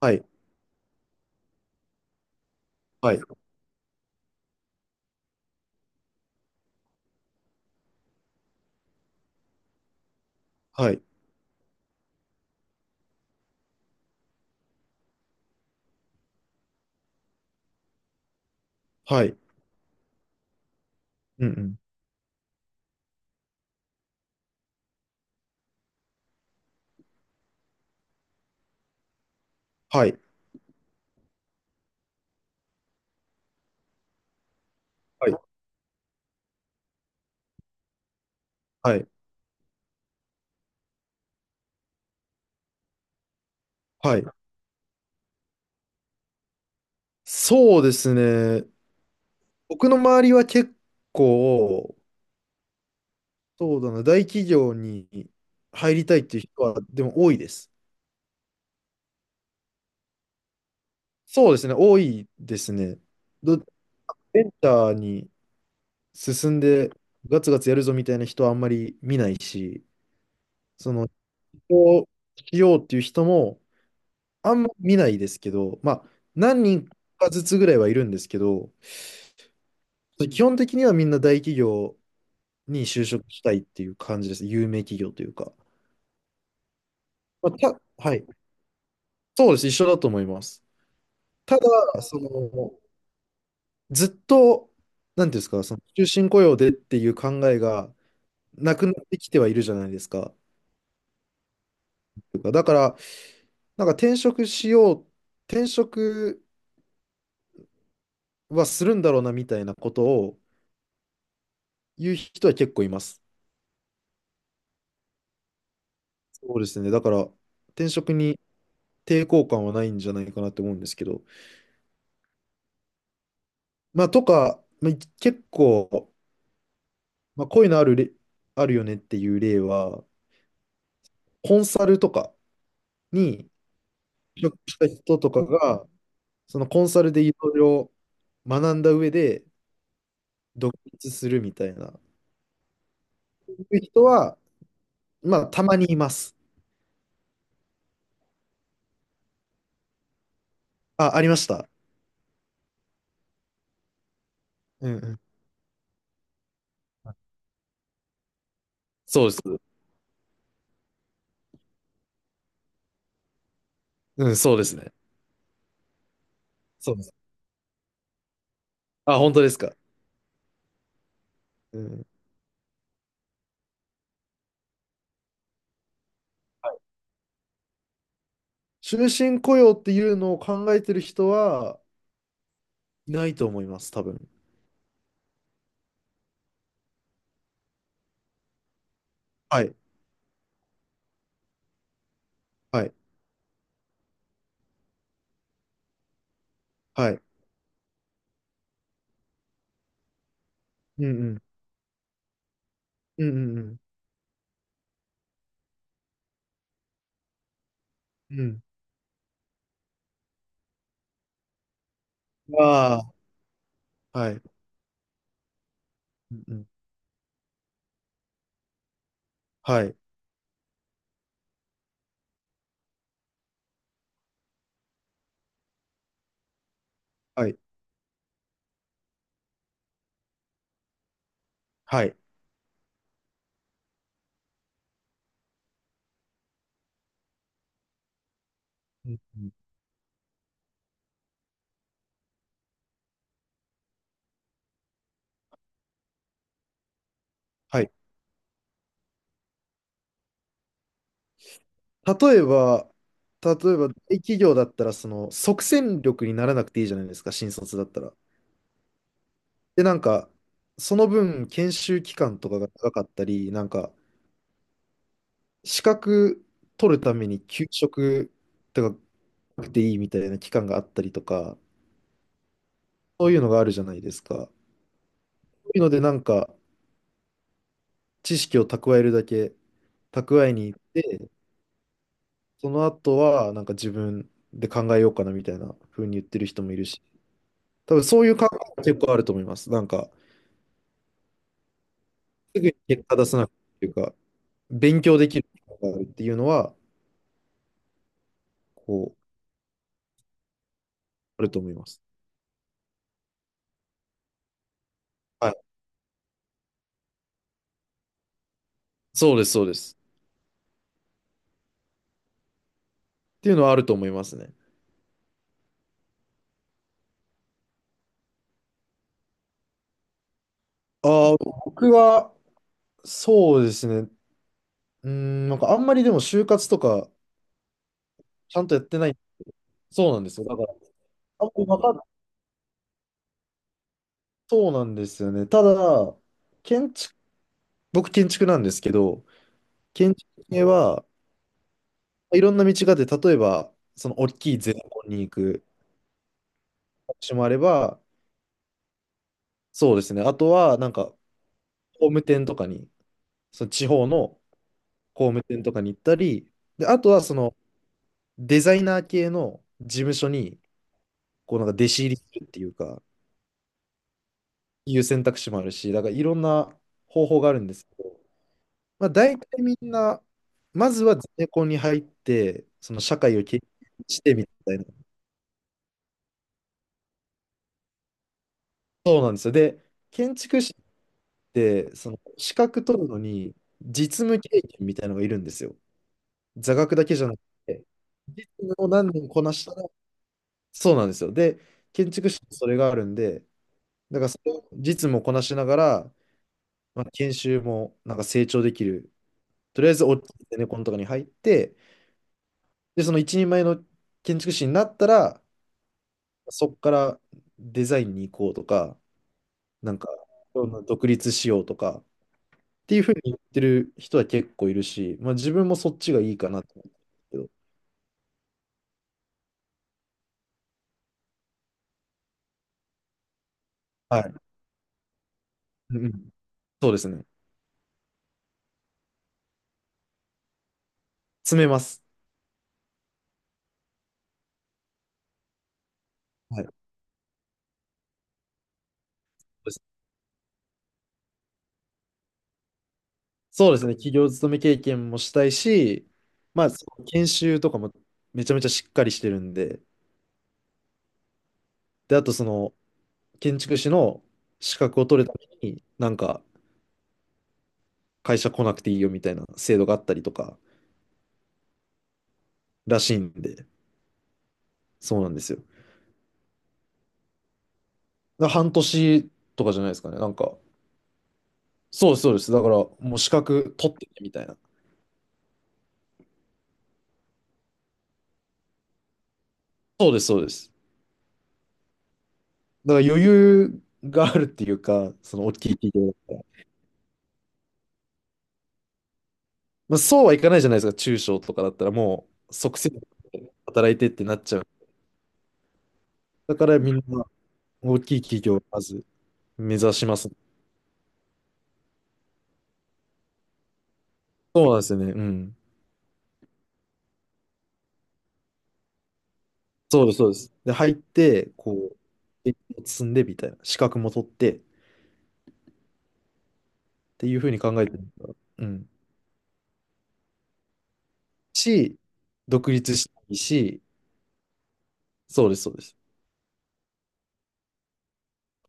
はい、はい、はい、はい、うんうん、はい、はい、はい、はい。そうですね。僕の周りは結構、そうだな、大企業に入りたいっていう人は、でも多いです。そうですね、多いですね。ど、ベンチャーに進んで、ガツガツやるぞみたいな人はあんまり見ないし、その、起業しようっていう人も、あんま見ないですけど、まあ、何人かずつぐらいはいるんですけど、基本的にはみんな大企業に就職したいっていう感じです。有名企業というか。まあ、はい。そうです。一緒だと思います。ただ、その、ずっと、なんていうんですか、その、終身雇用でっていう考えがなくなってきてはいるじゃないですか。というかだから、なんか転職しよう、転職はするんだろうなみたいなことを言う人は結構います。そうですね。だから、転職に抵抗感はないんじゃないかなって思うんですけど。まあ、とか、まあ、結構、まあ、こういうのあるれ、あるよねっていう例は、コンサルとかに就職した人とかが、そのコンサルでいろいろ学んだ上で独立するみたいな、いう人は、まあ、たまにいます。あ、ありました。うんうん。そうです。うん、そうですね。そうです。あ、本当ですか。うん。終身雇用っていうのを考えてる人はいないと思います、多分。はい、はい、はい。うんうん。うんうんうん。うん、ああ、はい。うんうん、はい。はい。はい。うんうん、はい。例えば、例えば、大企業だったら、その、即戦力にならなくていいじゃないですか、新卒だったら。で、なんか、その分、研修期間とかが長かったり、なんか、資格取るために休職とかなくていいみたいな期間があったりとか、そういうのがあるじゃないですか。そういうので、なんか、知識を蓄えるだけ、蓄えに行って、その後は、なんか自分で考えようかなみたいな風に言ってる人もいるし、多分そういう考えも結構あると思います。なんか、すぐに結果出さなくていうか、勉強できるっていうのは、こう、あると思います。はい。そうです、そうです。っていうのはあると思いますね。ああ、僕は、そうですね。うーん、なんかあんまりでも就活とか、ちゃんとやってない。そうなんですよ。だから、あんまり分かっそうなんですよね。ただ、建築、僕建築なんですけど、建築系は、いろんな道があって、例えば、その大きいゼネコンに行く道もあれば、そうですね。あとは、なんか、工務店とかに、その地方の工務店とかに行ったり、で、あとは、その、デザイナー系の事務所に、こう、なんか弟子入りするっていうか、いう選択肢もあるし、だからいろんな方法があるんですけど、まあ、大体みんな、まずはゼネコンに入って、その社会を経験してみたいな。そうなんですよ。で、建築士で、その資格取るのに実務経験みたいなのがいるんですよ。座学だけじゃなくて、実務を何年こなしたら、そうなんですよ。で、建築士にそれがあるんで、だからそれを実務をこなしながら、まあ、研修もなんか成長できる。とりあえず大きいゼネコンとかに入って、で、その一人前の建築士になったら、そこからデザインに行こうとか、なんか、独立しようとか、っていうふうに言ってる人は結構いるし、まあ自分もそっちがいいかなと思うんですけど。はい。うんうん。そうですね。詰めます。はい。そうですね。そうですね。企業勤め経験もしたいし、まあ、その研修とかもめちゃめちゃしっかりしてるんで、で、あとその建築士の資格を取るために、なんか会社来なくていいよみたいな制度があったりとからしいんで、そうなんですよ。だから半年とかじゃないですかね。なんか、そうです、そうです。だからもう資格取ってねみたいな。そうです、そうです。だから余裕があるっていうか、その大きい企業だったら。まあ、そうはいかないじゃないですか、中小とかだったらもう即戦力で働いてってなっちゃう。だからみんな大きい企業をまず目指します。そうなんですよね。うん。そうです、そうです。で、入って、こう、経験を積んでみたいな、資格も取ってっていうふうに考えてるんだ。うん。し、独立したいし、そうです、そうです。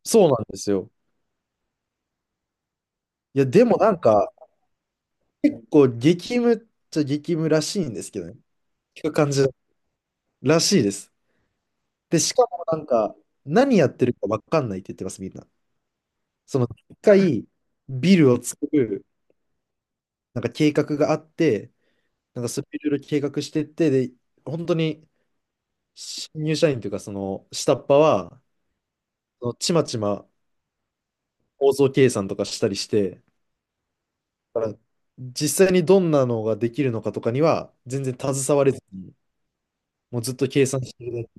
そうなんですよ。いや、でもなんか、結構激務っちゃ激務らしいんですけどね。聞く感じらしいです。で、しかもなんか、何やってるかわかんないって言ってます、みんな。その、一回、ビルを作る、なんか計画があって、なんかそれいろいろ計画してって、で、本当に、新入社員というか、その、下っ端は、そのちまちま構造計算とかしたりして、だから実際にどんなのができるのかとかには、全然携われずに、もうずっと計算してるだけ。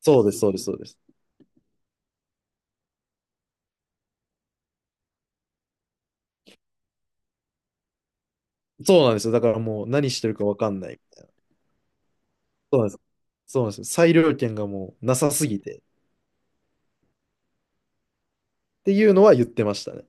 そうです、そうです、そうです。そうなんですよ。だからもう何してるかわかんないみたいな。そうなんです。そうなんですよ。裁量権がもうなさすぎてっていうのは言ってましたね。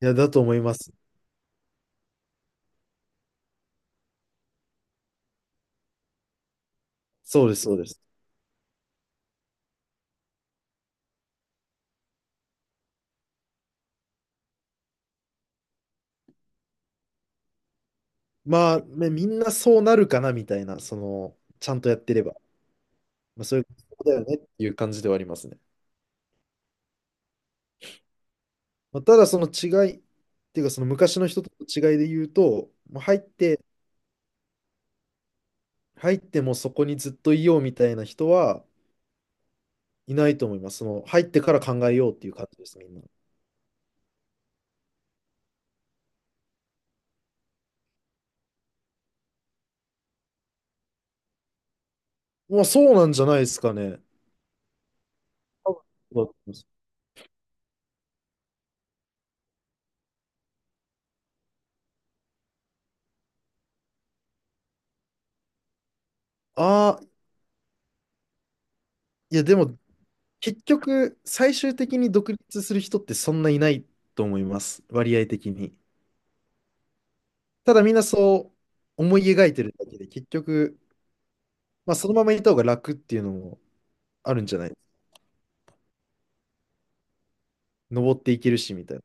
いや、だと思います。そうです、そうです。まあ、ね、みんなそうなるかなみたいな、その、ちゃんとやってれば。まあ、そういうことだよねっていう感じではありますね。まあ、ただ、その違い、っていうか、その昔の人との違いで言うと、もう入って、入ってもそこにずっといようみたいな人はいないと思います。その、入ってから考えようっていう感じです、みんな。まあ、そうなんじゃないですかね。多分そうだと思います。ああ、いや、でも、結局、最終的に独立する人ってそんないないと思います。割合的に。ただ、みんなそう思い描いてるだけで、結局、まあ、そのままいた方が楽っていうのもあるんじゃない。登っていけるし、みたいな。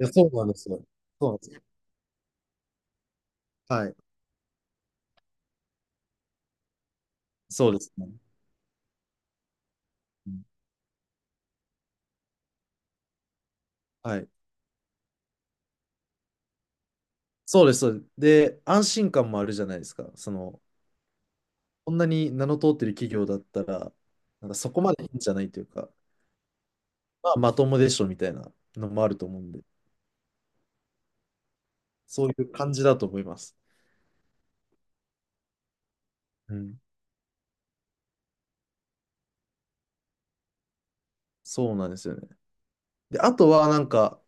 いや、そうなんですよ。そうなんですよ。はい。そうですね。うん。はい。そうです。そうです。で、安心感もあるじゃないですか。その、こんなに名の通ってる企業だったら、なんかそこまでいいんじゃないというか。まあ、まともでしょみたいなのもあると思うんで、そういう感じだと思います。うん。そうなんですよね。で、あとはなんか、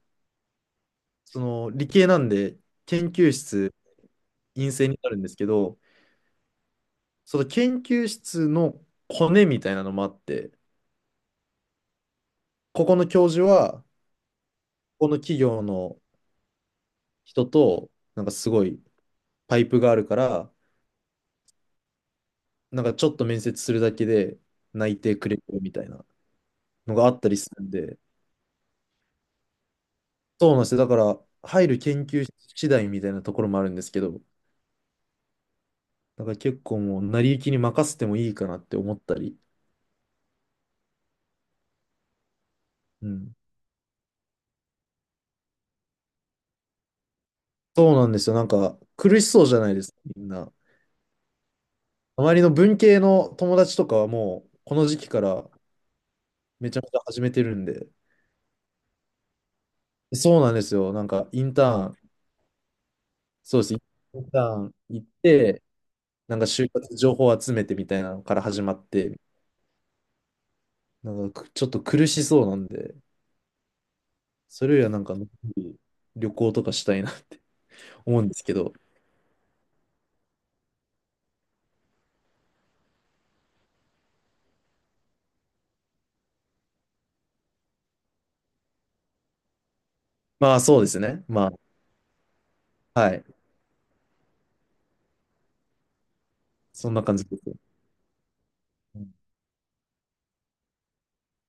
その理系なんで、研究室陰性になるんですけど、その研究室のコネみたいなのもあって、ここの教授は、この企業の人と、なんかすごいパイプがあるから、なんかちょっと面接するだけで内定くれるみたいなのがあったりするんで、そうなんですよ。だから、入る研究室次第みたいなところもあるんですけど、だから結構もう、成り行きに任せてもいいかなって思ったり。うん。そうなんですよ。なんか、苦しそうじゃないですか、みんな。周りの文系の友達とかはもう、この時期からめちゃめちゃ始めてるんで。そうなんですよ。なんか、インターン、そうです。インターン行って、なんか就活情報集めてみたいなのから始まって、なんかちょっと苦しそうなんで、それよりはなんかのんびり旅行とかしたいな と思うんですけど、まあそうですね。まあ、はい。そんな感じです。